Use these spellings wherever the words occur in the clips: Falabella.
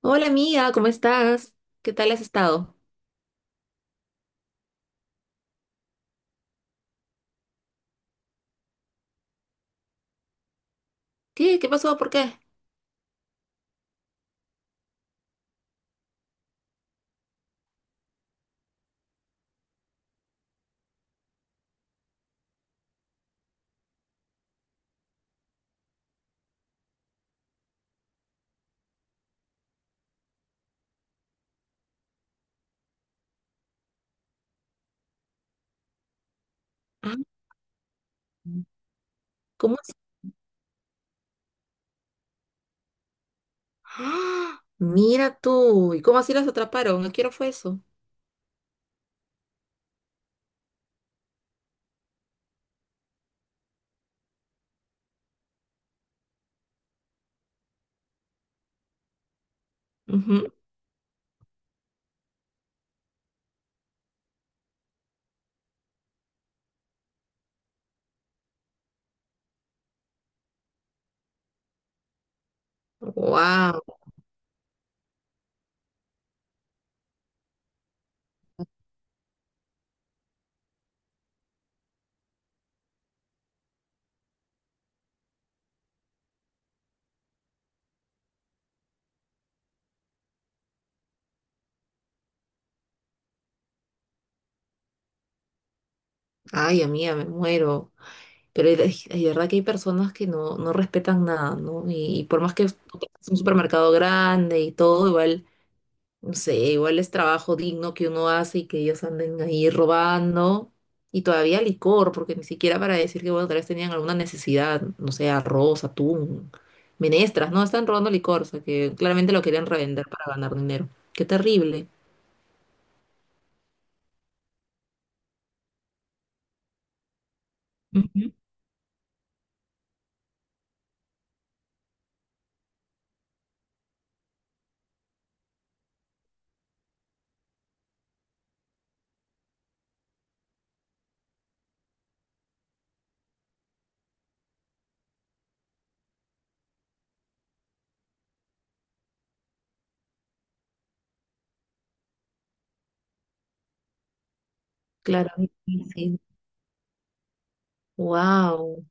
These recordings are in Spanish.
Hola amiga, ¿cómo estás? ¿Qué tal has estado? ¿Qué? ¿Qué pasó? ¿Por qué? Ah, ¿cómo es? ¡Ah! Mira tú, ¿y cómo así las atraparon? ¿A qué hora fue eso? Wow, ay amiga, me muero. Pero es verdad que hay personas que no, no respetan nada, ¿no? Y por más que es un supermercado grande y todo, igual. No sé, igual es trabajo digno que uno hace y que ellos anden ahí robando. Y todavía licor, porque ni siquiera para decir que bueno, tal vez tenían alguna necesidad, no sé, arroz, atún, menestras, no, están robando licor, o sea que claramente lo querían revender para ganar dinero. Qué terrible. Ujú. Claro, sí. Wow.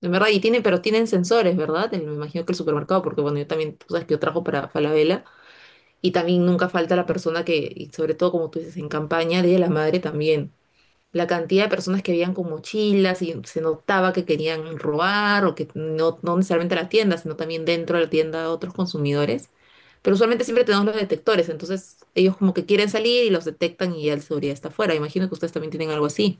En verdad, y tienen, pero tienen sensores, ¿verdad? Me imagino que el supermercado, porque bueno, yo también, tú sabes que yo trabajo para Falabella y también nunca falta la persona que, y sobre todo como tú dices, en campaña, Día de la Madre también. La cantidad de personas que veían con mochilas y se notaba que querían robar o que no, no necesariamente a la tienda, sino también dentro de la tienda a otros consumidores. Pero usualmente siempre tenemos los detectores, entonces ellos como que quieren salir y los detectan y ya el seguridad está afuera. Imagino que ustedes también tienen algo así.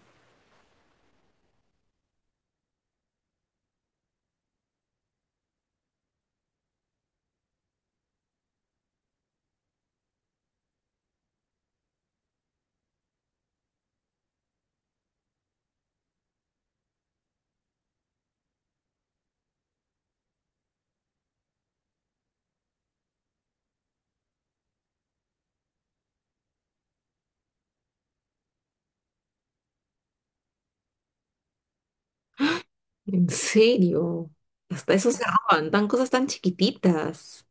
¿En serio? Hasta eso se roban, tan cosas tan chiquititas.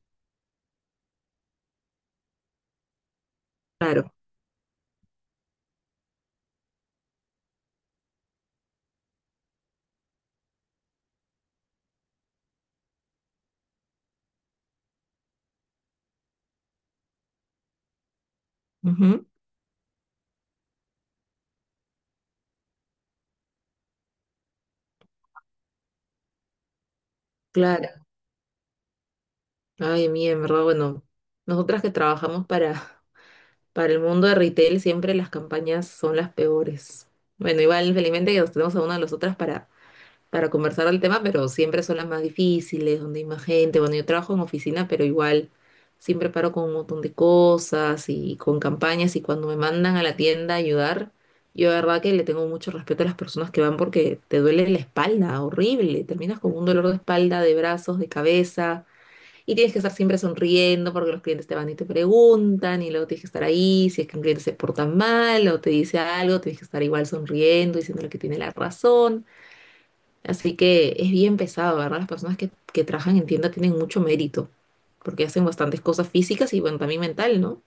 Claro. Ujú. Claro. Ay, mía, en verdad, bueno, nosotras que trabajamos para el mundo de retail siempre las campañas son las peores. Bueno, igual felizmente que nos tenemos a una de las otras para conversar del tema, pero siempre son las más difíciles, donde hay más gente. Bueno, yo trabajo en oficina, pero igual siempre paro con un montón de cosas y con campañas y cuando me mandan a la tienda a ayudar, yo de verdad que le tengo mucho respeto a las personas que van porque te duele la espalda, horrible. Terminas con un dolor de espalda, de brazos, de cabeza. Y tienes que estar siempre sonriendo porque los clientes te van y te preguntan y luego tienes que estar ahí, si es que un cliente se porta mal o te dice algo, tienes que estar igual sonriendo, diciéndole que tiene la razón. Así que es bien pesado, ¿verdad? Las personas que trabajan en tienda tienen mucho mérito porque hacen bastantes cosas físicas y bueno, también mental, ¿no?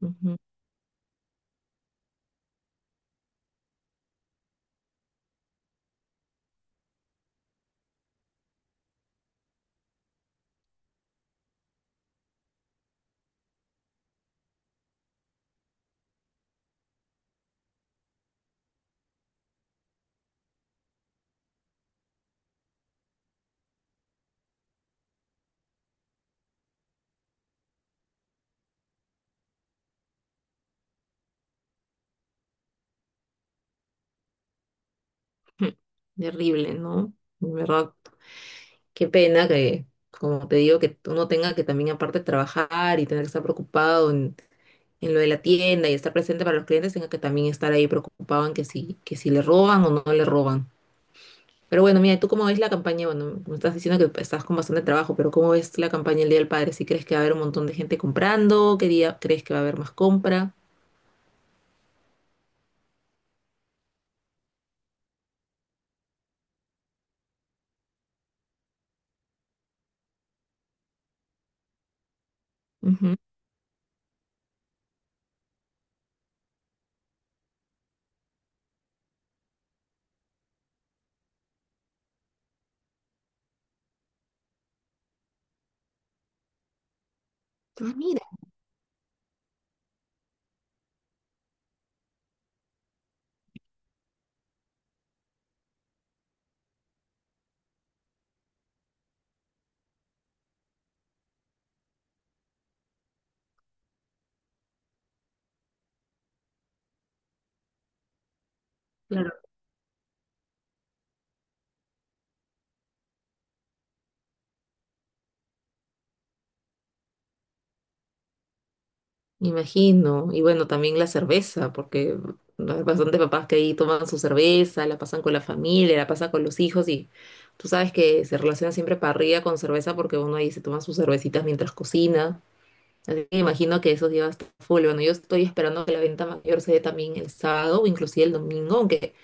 Ujú. Terrible, ¿no? En verdad, qué pena que, como te digo, que uno tenga que también aparte trabajar y tener que estar preocupado en lo de la tienda y estar presente para los clientes, tenga que también estar ahí preocupado en que si le roban o no le roban. Pero bueno, mira, ¿tú cómo ves la campaña? Bueno, me estás diciendo que estás con bastante trabajo, pero ¿cómo ves la campaña el Día del Padre? ¿Si crees que va a haber un montón de gente comprando? ¿Qué día crees que va a haber más compra? Ujú. Ah, mira, claro. Me imagino. Y bueno, también la cerveza, porque hay bastantes papás que ahí toman su cerveza, la pasan con la familia, la pasan con los hijos y tú sabes que se relaciona siempre parrilla con cerveza porque uno ahí se toma sus cervecitas mientras cocina. Así que imagino que esos días está a full. Bueno, yo estoy esperando que la venta mayor se dé también el sábado o inclusive el domingo, aunque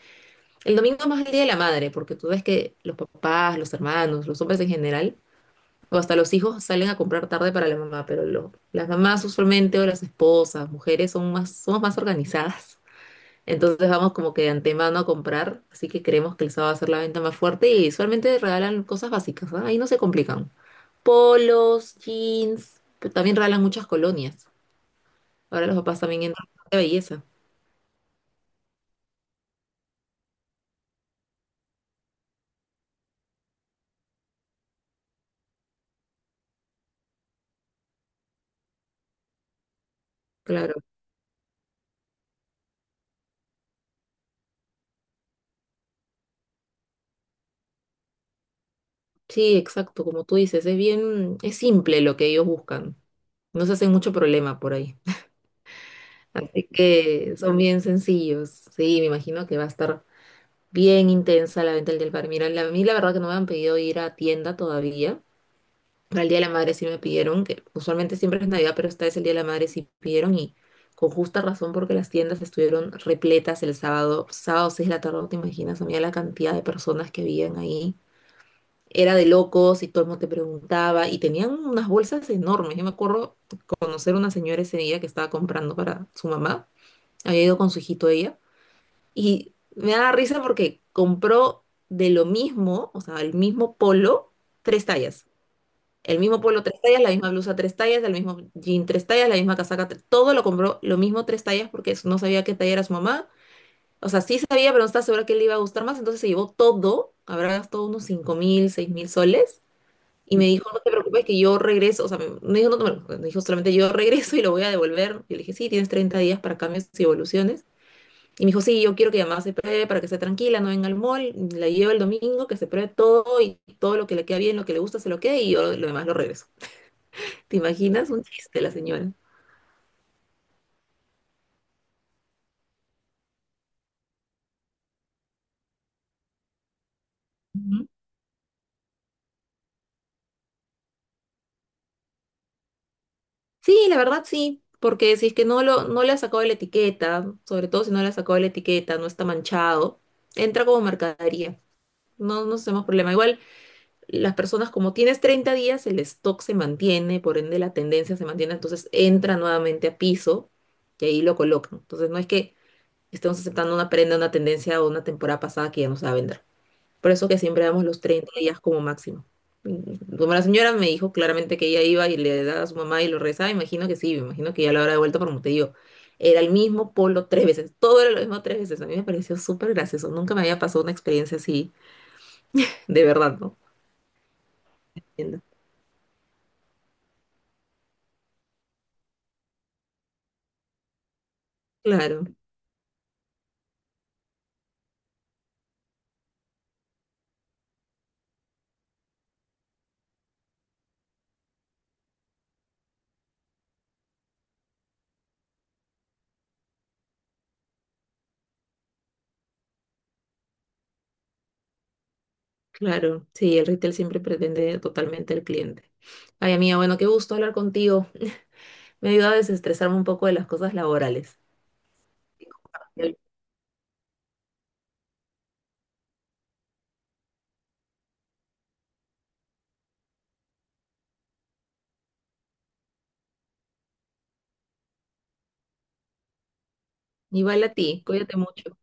el domingo es más el día de la madre, porque tú ves que los papás, los hermanos, los hombres en general, o hasta los hijos salen a comprar tarde para la mamá, pero las mamás usualmente o las esposas, mujeres, son más, somos más organizadas. Entonces vamos como que de antemano a comprar, así que creemos que el sábado va a ser la venta más fuerte y usualmente regalan cosas básicas, ¿ah? Ahí no se complican. Polos, jeans, pero también regalan muchas colonias. Ahora los papás también entran de belleza. Claro. Sí, exacto, como tú dices, es bien, es simple lo que ellos buscan. No se hacen mucho problema por ahí. Así que son bien sencillos. Sí, me imagino que va a estar bien intensa la venta del Día Del Par. Mira, a mí la verdad que no me han pedido ir a tienda todavía. Para el Día de la Madre sí me pidieron, que usualmente siempre es Navidad, pero esta vez el Día de la Madre sí pidieron y con justa razón porque las tiendas estuvieron repletas el sábado, sábado 6 de la tarde, no te imaginas, a mí la cantidad de personas que habían ahí. Era de locos y todo el mundo te preguntaba y tenían unas bolsas enormes. Yo me acuerdo conocer una señora ese día que estaba comprando para su mamá, había ido con su hijito ella y me da risa porque compró de lo mismo, o sea, el mismo polo, tres tallas. El mismo polo, tres tallas, la misma blusa, tres tallas, el mismo jean, tres tallas, la misma casaca, todo lo compró, lo mismo, tres tallas, porque no sabía qué talla era su mamá. O sea, sí sabía, pero no estaba segura que le iba a gustar más, entonces se llevó todo, habrá gastado unos 5,000, 6,000 soles y me dijo, no te preocupes que yo regreso, o sea, me dijo, no te preocupes, me dijo solamente yo regreso y lo voy a devolver. Yo le dije, sí, tienes 30 días para cambios y evoluciones. Y me dijo, sí, yo quiero que además se pruebe para que esté tranquila, no venga al mall, la llevo el domingo, que se pruebe todo y todo lo que le queda bien, lo que le gusta se lo quede y yo lo demás lo regreso. ¿Te imaginas? Un chiste la señora. Ujú. Sí, la verdad sí, porque si es que no, lo, no le ha sacado de la etiqueta, sobre todo si no le ha sacado de la etiqueta, no está manchado, entra como mercadería. No, no tenemos problema. Igual las personas, como tienes 30 días, el stock se mantiene, por ende la tendencia se mantiene, entonces entra nuevamente a piso y ahí lo colocan. Entonces no es que estemos aceptando una prenda, una tendencia o una temporada pasada que ya no se va a vender. Por eso que siempre damos los 30 días como máximo. Mm, como la señora me dijo claramente que ella iba y le daba a su mamá y lo rezaba, imagino que sí, me imagino que ya lo habrá devuelto, pero como te digo, era el mismo polo tres veces, todo era lo mismo tres veces. A mí me pareció súper gracioso, nunca me había pasado una experiencia así, de verdad, ¿no? Entiendo. Claro. Claro, sí, el retail siempre pretende totalmente al cliente. Ay, amiga, bueno, qué gusto hablar contigo. Me ayuda a desestresarme un poco de las cosas laborales. Igual a ti, cuídate mucho.